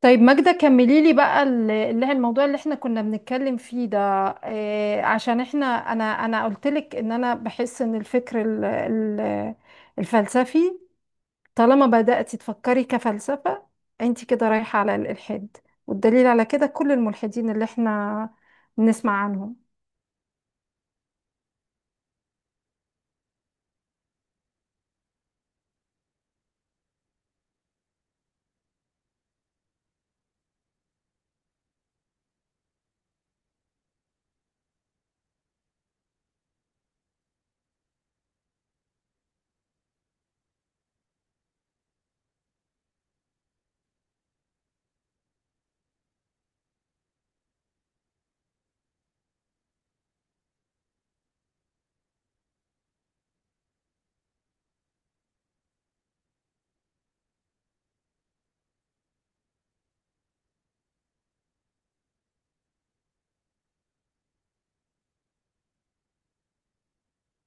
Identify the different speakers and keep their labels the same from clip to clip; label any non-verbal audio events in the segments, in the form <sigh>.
Speaker 1: طيب ماجدة كملي لي بقى اللي هي الموضوع اللي احنا كنا بنتكلم فيه ده إيه؟ عشان احنا انا قلت لك ان انا بحس ان الفكر الفلسفي، طالما بدأتي تفكري كفلسفة انت كده رايحة على الإلحاد. والدليل على كده كل الملحدين اللي احنا بنسمع عنهم.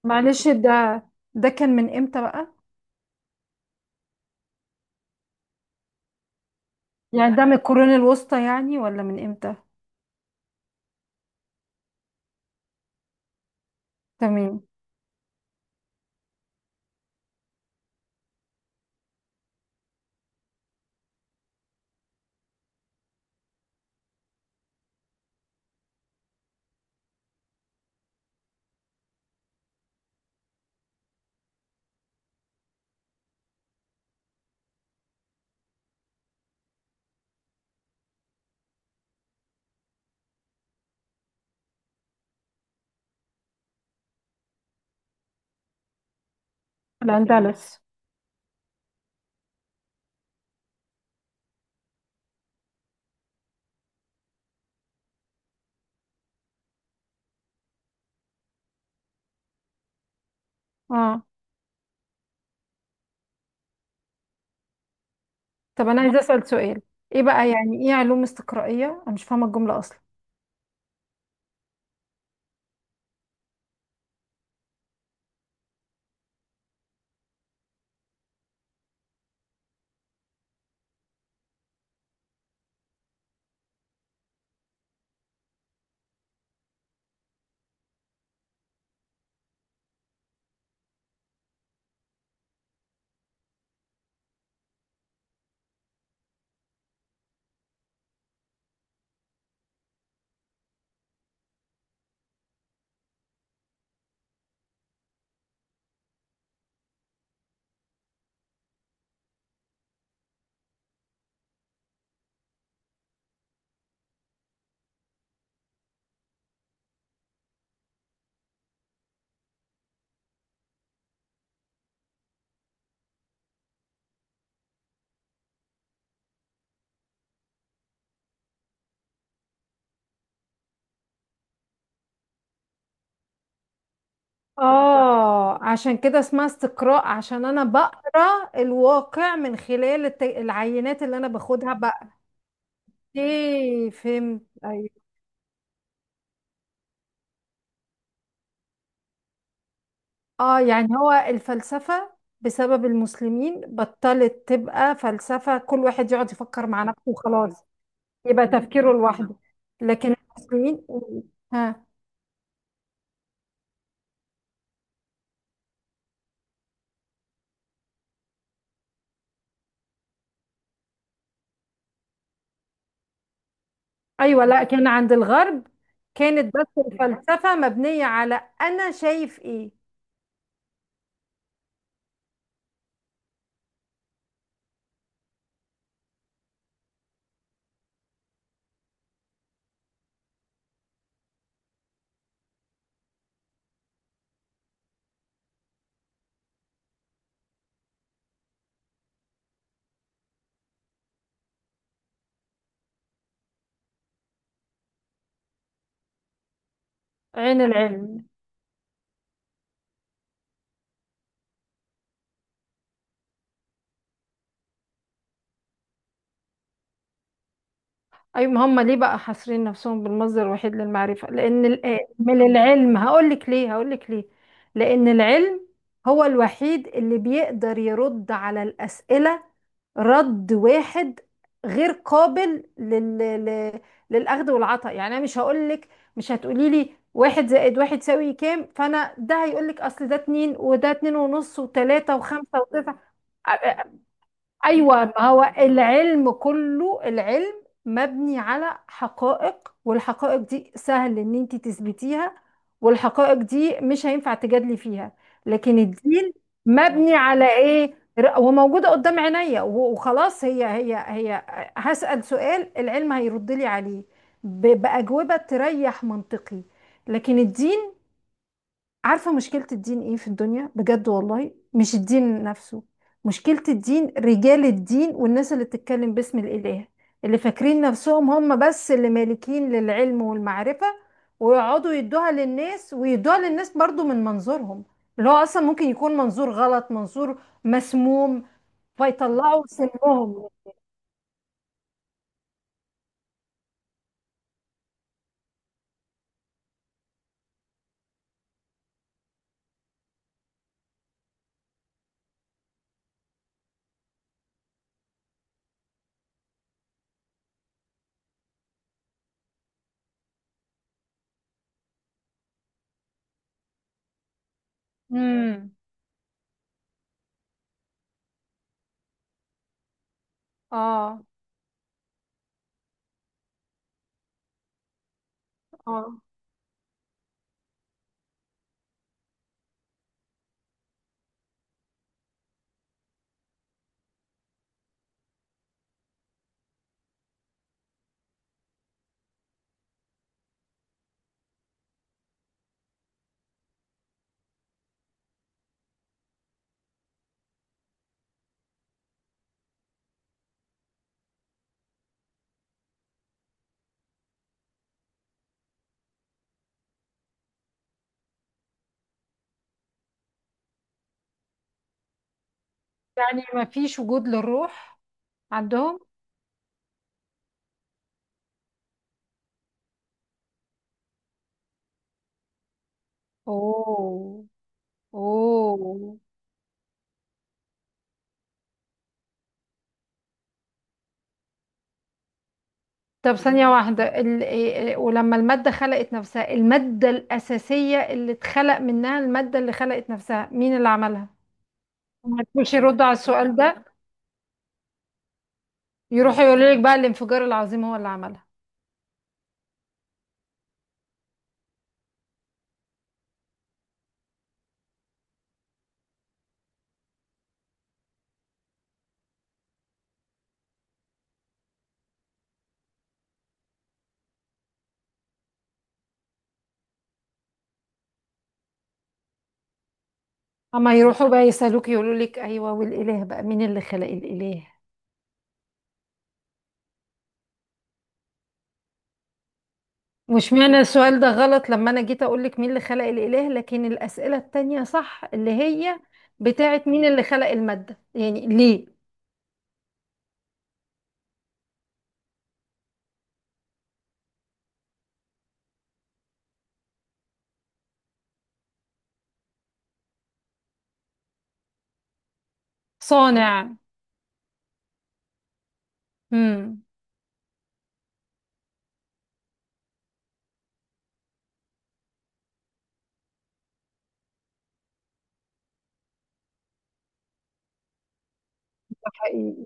Speaker 1: معلش، ده ده كان من امتى بقى؟ يعني ده من القرون الوسطى يعني ولا من امتى؟ تمام. الأندلس. اه. طب انا عايزه اسال سؤال، ايه بقى يعني ايه علوم استقرائيه؟ انا مش فاهمه الجمله اصلا. اه، عشان كده اسمها استقراء، عشان انا بقرا الواقع من خلال العينات اللي انا باخدها بقى. ايه، فهمت. اه، يعني هو الفلسفه بسبب المسلمين بطلت تبقى فلسفه كل واحد يقعد يفكر مع نفسه وخلاص، يبقى تفكيره لوحده. لكن المسلمين. ها. ايوه، لا كان عند الغرب كانت بس الفلسفه مبنيه على انا شايف ايه. عين العلم. أيوة، ما هم ليه بقى حاصرين نفسهم بالمصدر الوحيد للمعرفة؟ لأن من العلم، هقولك ليه هقولك ليه. لأن العلم هو الوحيد اللي بيقدر يرد على الأسئلة رد واحد غير قابل لل... للأخذ والعطاء. يعني أنا مش هقولك، مش هتقولي لي واحد زائد واحد يساوي كام فأنا ده هيقولك أصل ده اتنين وده اتنين ونص وتلاتة وخمسة وتسعة. ايوه، ما هو العلم كله، العلم مبني على حقائق، والحقائق دي سهل ان انت تثبتيها، والحقائق دي مش هينفع تجادلي فيها. لكن الدين مبني على ايه؟ وموجوده قدام عينيا وخلاص، هي هي هي. هسأل سؤال، العلم هيرد لي عليه بأجوبة تريح منطقي. لكن الدين، عارفة مشكلة الدين ايه في الدنيا بجد والله؟ مش الدين نفسه، مشكلة الدين رجال الدين والناس اللي بتتكلم باسم الإله، اللي فاكرين نفسهم هم بس اللي مالكين للعلم والمعرفة، ويقعدوا يدوها للناس ويدوها للناس برضو من منظورهم، اللي هو أصلا ممكن يكون منظور غلط، منظور مسموم، فيطلعوا سمهم. امم. اه. اه، يعني ما فيش وجود للروح عندهم؟ اوه. اوه. طب ثانية واحدة، إيه، ولما المادة خلقت نفسها، المادة الأساسية اللي اتخلق منها المادة اللي خلقت نفسها، مين اللي عملها؟ ما تقولش يردوا على السؤال ده، يروحوا يقولوا لك بقى الانفجار العظيم هو اللي عملها. أما يروحوا بقى يسألوك يقولوا لك أيوه، والإله بقى مين اللي خلق الإله؟ مش معنى السؤال ده غلط لما أنا جيت أقول لك مين اللي خلق الإله، لكن الأسئلة التانية صح، اللي هي بتاعت مين اللي خلق المادة؟ يعني ليه؟ صانع. امم. حقيقي.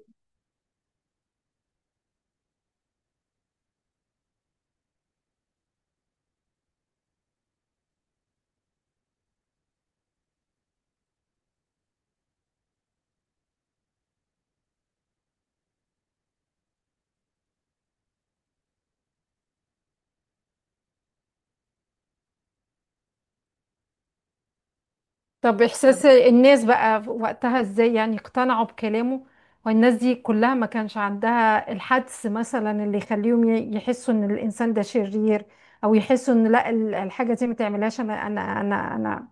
Speaker 1: طب إحساس الناس بقى وقتها إزاي؟ يعني اقتنعوا بكلامه؟ والناس دي كلها ما كانش عندها الحدس مثلا اللي يخليهم يحسوا إن الإنسان ده شرير، أو يحسوا إن لا الحاجة دي ما تعملهاش، أنا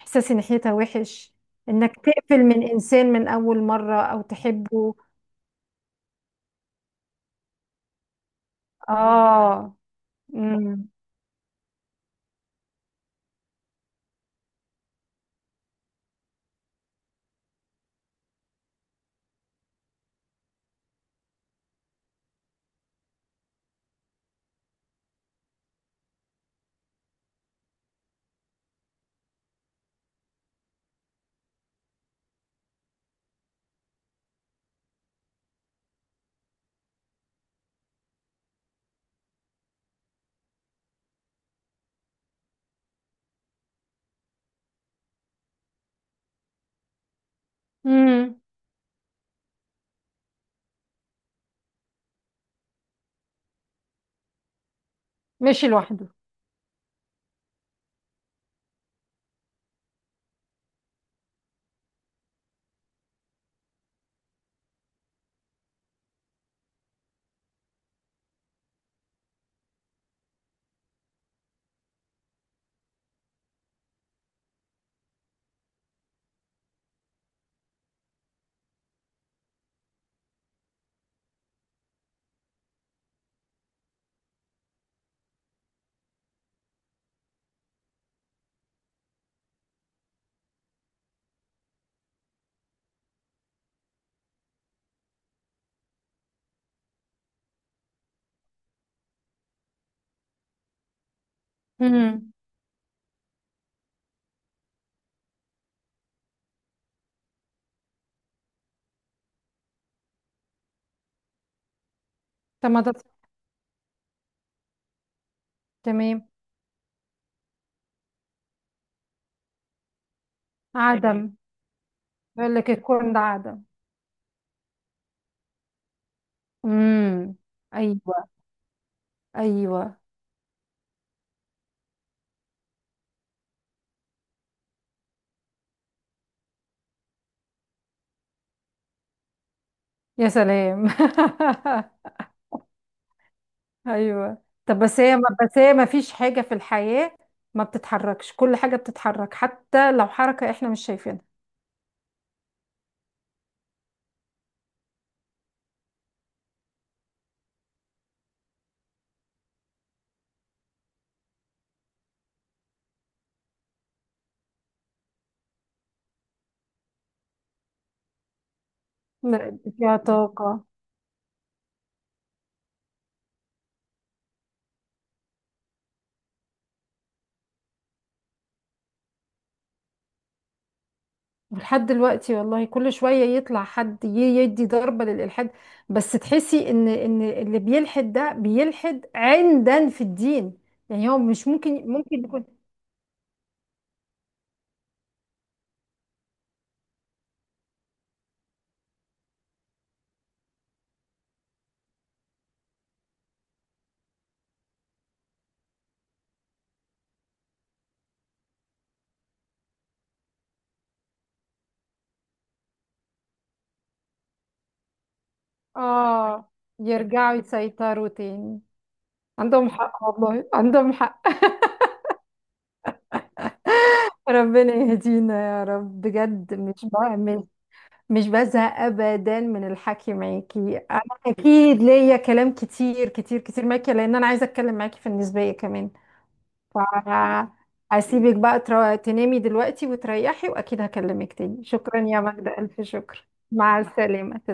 Speaker 1: إحساسي ناحيتها وحش، إنك تقفل من إنسان من أول مرة أو تحبه. آه. امم. امم. ماشي لوحده. امم. طب ما ده. تمام. عدم. يقول لك الكون ده عدم. امم. ايوه. ايوه. يا سلام. <laughs> ايوه، طب بس هي ما، بس هي ما فيش حاجه في الحياه ما بتتحركش، كل حاجه بتتحرك حتى لو حركه احنا مش شايفينها. لا، فيها طاقه. ولحد دلوقتي والله كل شويه يطلع حد يدي ضربه للالحاد. بس تحسي ان ان اللي بيلحد ده بيلحد عندا في الدين، يعني هو مش ممكن، ممكن يكون. اه. يرجعوا يسيطروا تاني. عندهم حق والله، عندهم حق. <laughs> ربنا يهدينا يا رب بجد. مش بعمل، مش بزهق ابدا من الحكي معاكي انا. اكيد ليا كلام كتير كتير كتير معاكي، لان انا عايزه اتكلم معاكي في النسبيه كمان. فهسيبك بقى تنامي دلوقتي وتريحي، واكيد هكلمك تاني. شكرا يا ماجدة، الف شكر، مع السلامه.